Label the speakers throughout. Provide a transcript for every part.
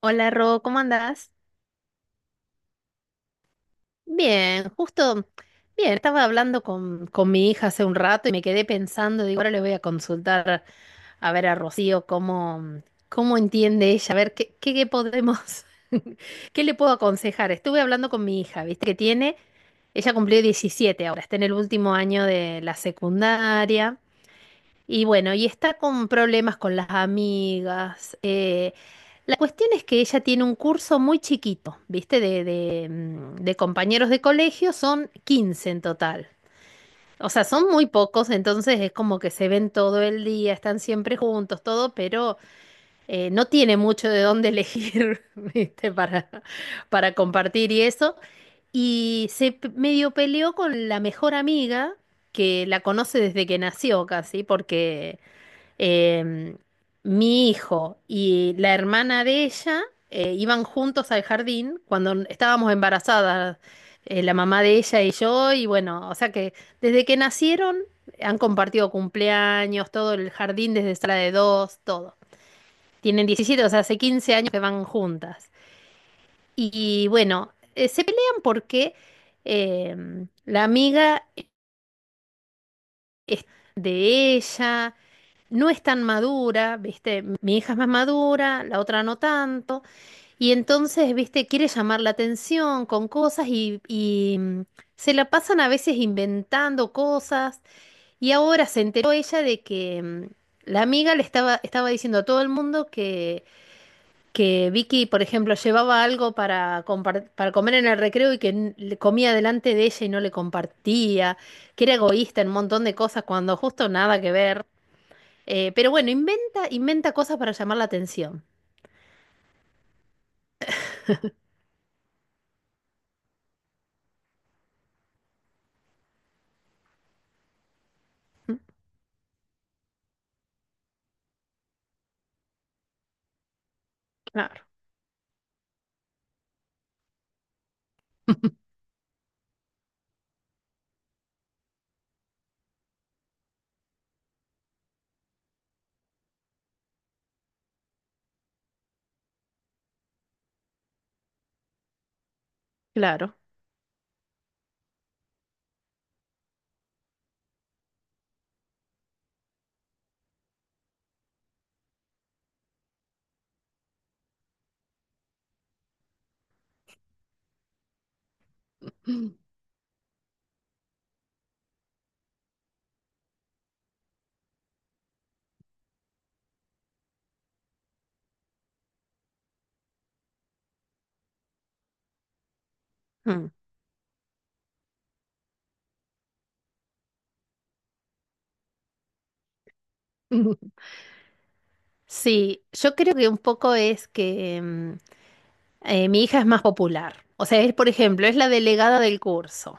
Speaker 1: Hola Ro, ¿cómo andás? Bien, justo, bien, estaba hablando con, mi hija hace un rato y me quedé pensando, digo, ahora le voy a consultar a ver a Rocío cómo, cómo entiende ella, a ver qué, qué, qué podemos, qué le puedo aconsejar. Estuve hablando con mi hija, viste que tiene, ella cumplió 17 ahora, está en el último año de la secundaria. Y bueno, y está con problemas con las amigas. La cuestión es que ella tiene un curso muy chiquito, ¿viste? De compañeros de colegio, son 15 en total. O sea, son muy pocos, entonces es como que se ven todo el día, están siempre juntos, todo, pero no tiene mucho de dónde elegir, ¿viste? Para compartir y eso. Y medio peleó con la mejor amiga, que la conoce desde que nació casi, porque... Em, Mi hijo y la hermana de ella iban juntos al jardín cuando estábamos embarazadas, la mamá de ella y yo, y bueno, o sea que desde que nacieron han compartido cumpleaños, todo el jardín desde sala de dos, todo. Tienen 17, o sea, hace 15 años que van juntas. Y, bueno, se pelean porque la amiga es de ella. No es tan madura, ¿viste? Mi hija es más madura, la otra no tanto, y entonces, ¿viste? Quiere llamar la atención con cosas y se la pasan a veces inventando cosas, y ahora se enteró ella de que la amiga le estaba diciendo a todo el mundo que Vicky, por ejemplo, llevaba algo para, para comer en el recreo y que le comía delante de ella y no le compartía, que era egoísta en un montón de cosas cuando justo nada que ver. Pero bueno, inventa cosas para llamar la atención. Mm, claro. Claro. Mm. Sí, yo creo que un poco es que mi hija es más popular. O sea, es, por ejemplo, es la delegada del curso.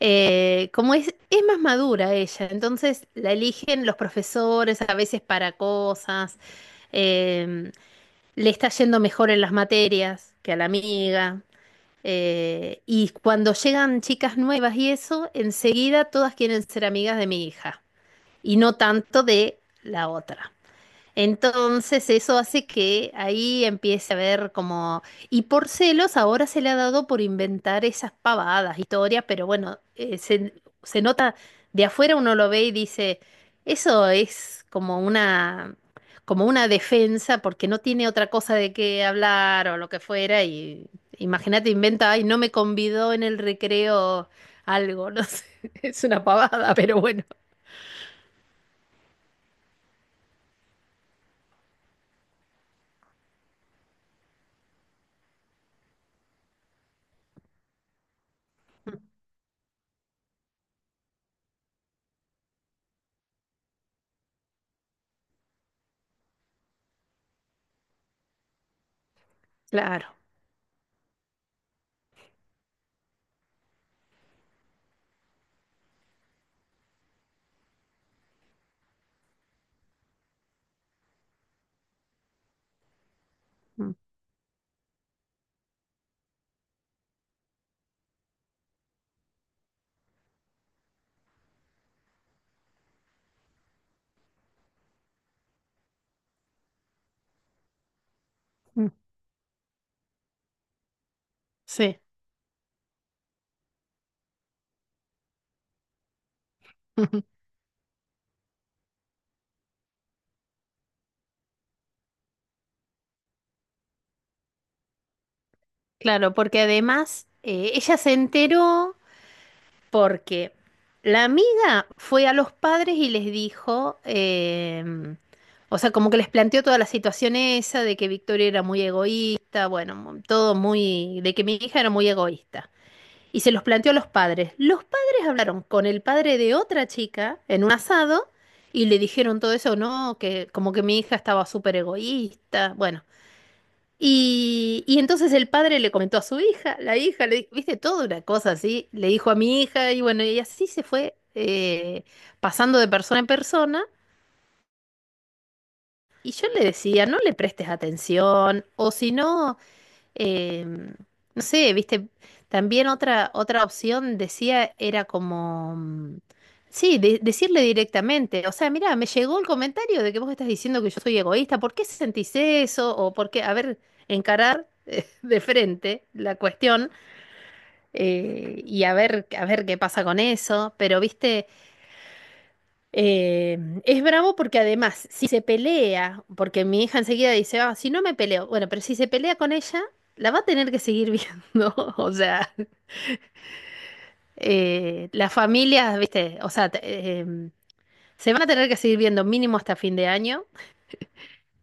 Speaker 1: Como es más madura ella, entonces la eligen los profesores a veces para cosas. Em, Le está yendo mejor en las materias que a la amiga. Y cuando llegan chicas nuevas y eso, enseguida todas quieren ser amigas de mi hija y no tanto de la otra. Entonces eso hace que ahí empiece a ver como... Y por celos ahora se le ha dado por inventar esas pavadas, historias, pero bueno, se nota, de afuera uno lo ve y dice, eso es como una defensa porque no tiene otra cosa de qué hablar o lo que fuera y imagínate, inventa, ay, no me convidó en el recreo algo, no sé, es una pavada, pero bueno, claro. Mm, mm, sí. Claro, porque además ella se enteró porque la amiga fue a los padres y les dijo, o sea, como que les planteó toda la situación esa de que Victoria era muy egoísta, bueno, todo muy, de que mi hija era muy egoísta. Y se los planteó a los padres. Los padres hablaron con el padre de otra chica en un asado y le dijeron todo eso, no, que como que mi hija estaba súper egoísta, bueno. Y entonces el padre le comentó a su hija, la hija, viste, toda una cosa así, le dijo a mi hija y bueno, y así se fue pasando de persona en persona. Y yo le decía, no le prestes atención, o si no... Eh, no sé, viste, también otra opción decía era como, sí, decirle directamente, o sea, mira, me llegó el comentario de que vos estás diciendo que yo soy egoísta, ¿por qué sentís eso? O por qué, a ver, encarar de frente la cuestión y a ver qué pasa con eso, pero viste... Eh, es bravo porque además, si se pelea, porque mi hija enseguida dice, ah, si no me peleo, bueno, pero si se pelea con ella, la va a tener que seguir viendo. O sea, las familias, viste, o sea, em, se van a tener que seguir viendo mínimo hasta fin de año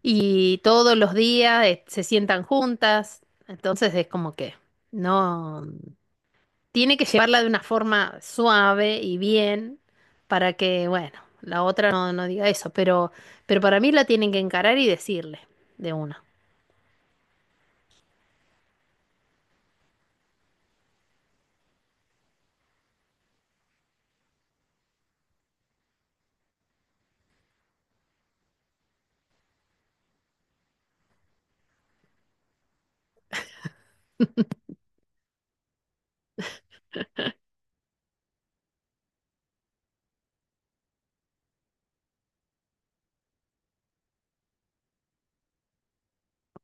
Speaker 1: y todos los días se sientan juntas. Entonces es como que no, tiene que llevarla de una forma suave y bien para que, bueno, la otra no, no diga eso, pero para mí la tienen que encarar y decirle de una.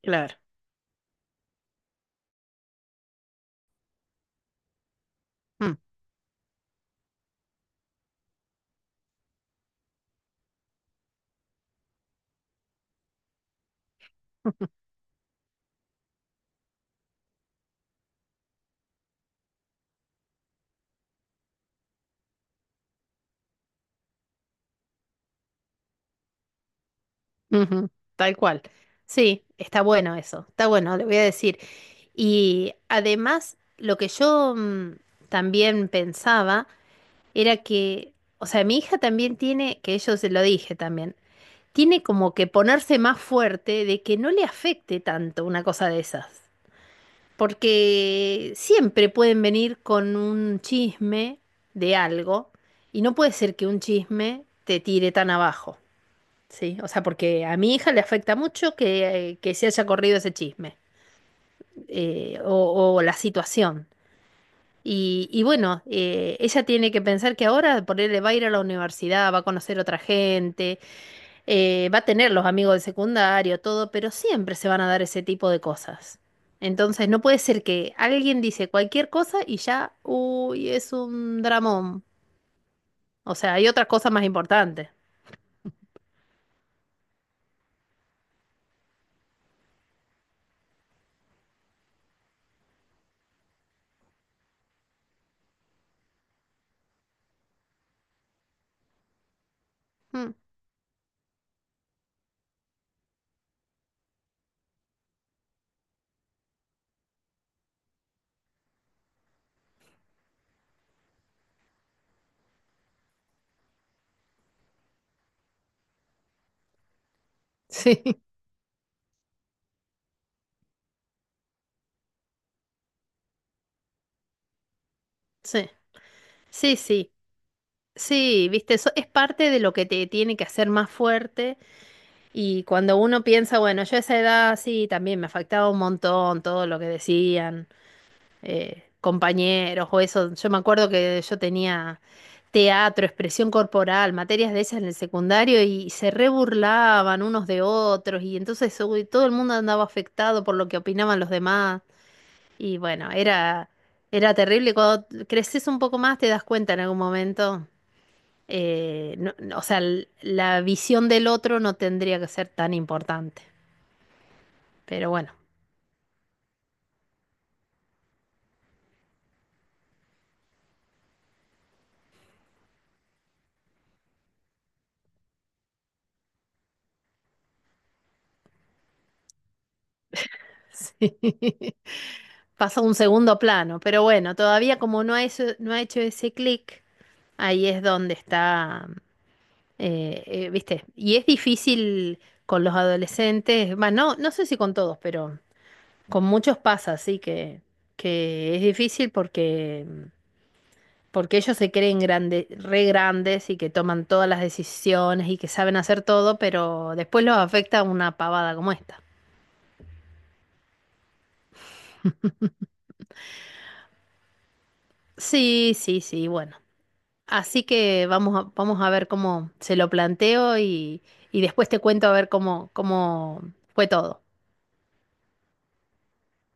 Speaker 1: Claro. Mm. Ujú, tal cual. Sí, está bueno eso, está bueno, le voy a decir. Y además, lo que yo también pensaba era que, o sea, mi hija también tiene, que yo se lo dije también, tiene como que ponerse más fuerte de que no le afecte tanto una cosa de esas. Porque siempre pueden venir con un chisme de algo y no puede ser que un chisme te tire tan abajo, ¿sí? O sea, porque a mi hija le afecta mucho que se haya corrido ese chisme o la situación. Y bueno, ella tiene que pensar que ahora por él va a ir a la universidad, va a conocer otra gente, va a tener los amigos de secundario, todo, pero siempre se van a dar ese tipo de cosas. Entonces no puede ser que alguien dice cualquier cosa y ya, uy, es un dramón. O sea, hay otras cosas más importantes. Mm, sí, sí, sí, sí. Sí, viste, eso es parte de lo que te tiene que hacer más fuerte. Y cuando uno piensa, bueno, yo a esa edad sí, también me afectaba un montón todo lo que decían. Compañeros o eso. Yo me acuerdo que yo tenía teatro, expresión corporal, materias de esas en el secundario y se reburlaban unos de otros y entonces uy, todo el mundo andaba afectado por lo que opinaban los demás y bueno, era terrible. Cuando creces un poco más te das cuenta en algún momento. No, o sea, la visión del otro no tendría que ser tan importante, pero bueno, sí, pasó a un segundo plano, pero bueno, todavía como no ha hecho ese clic, ahí es donde está, ¿viste? Y es difícil con los adolescentes, bueno, no, no sé si con todos, pero con muchos pasa, así que es difícil porque, porque ellos se creen re grandes y que toman todas las decisiones y que saben hacer todo, pero después los afecta una pavada como esta. Sí, sí, sí, bueno. Así que vamos a ver cómo se lo planteo y después te cuento a ver cómo, cómo fue todo.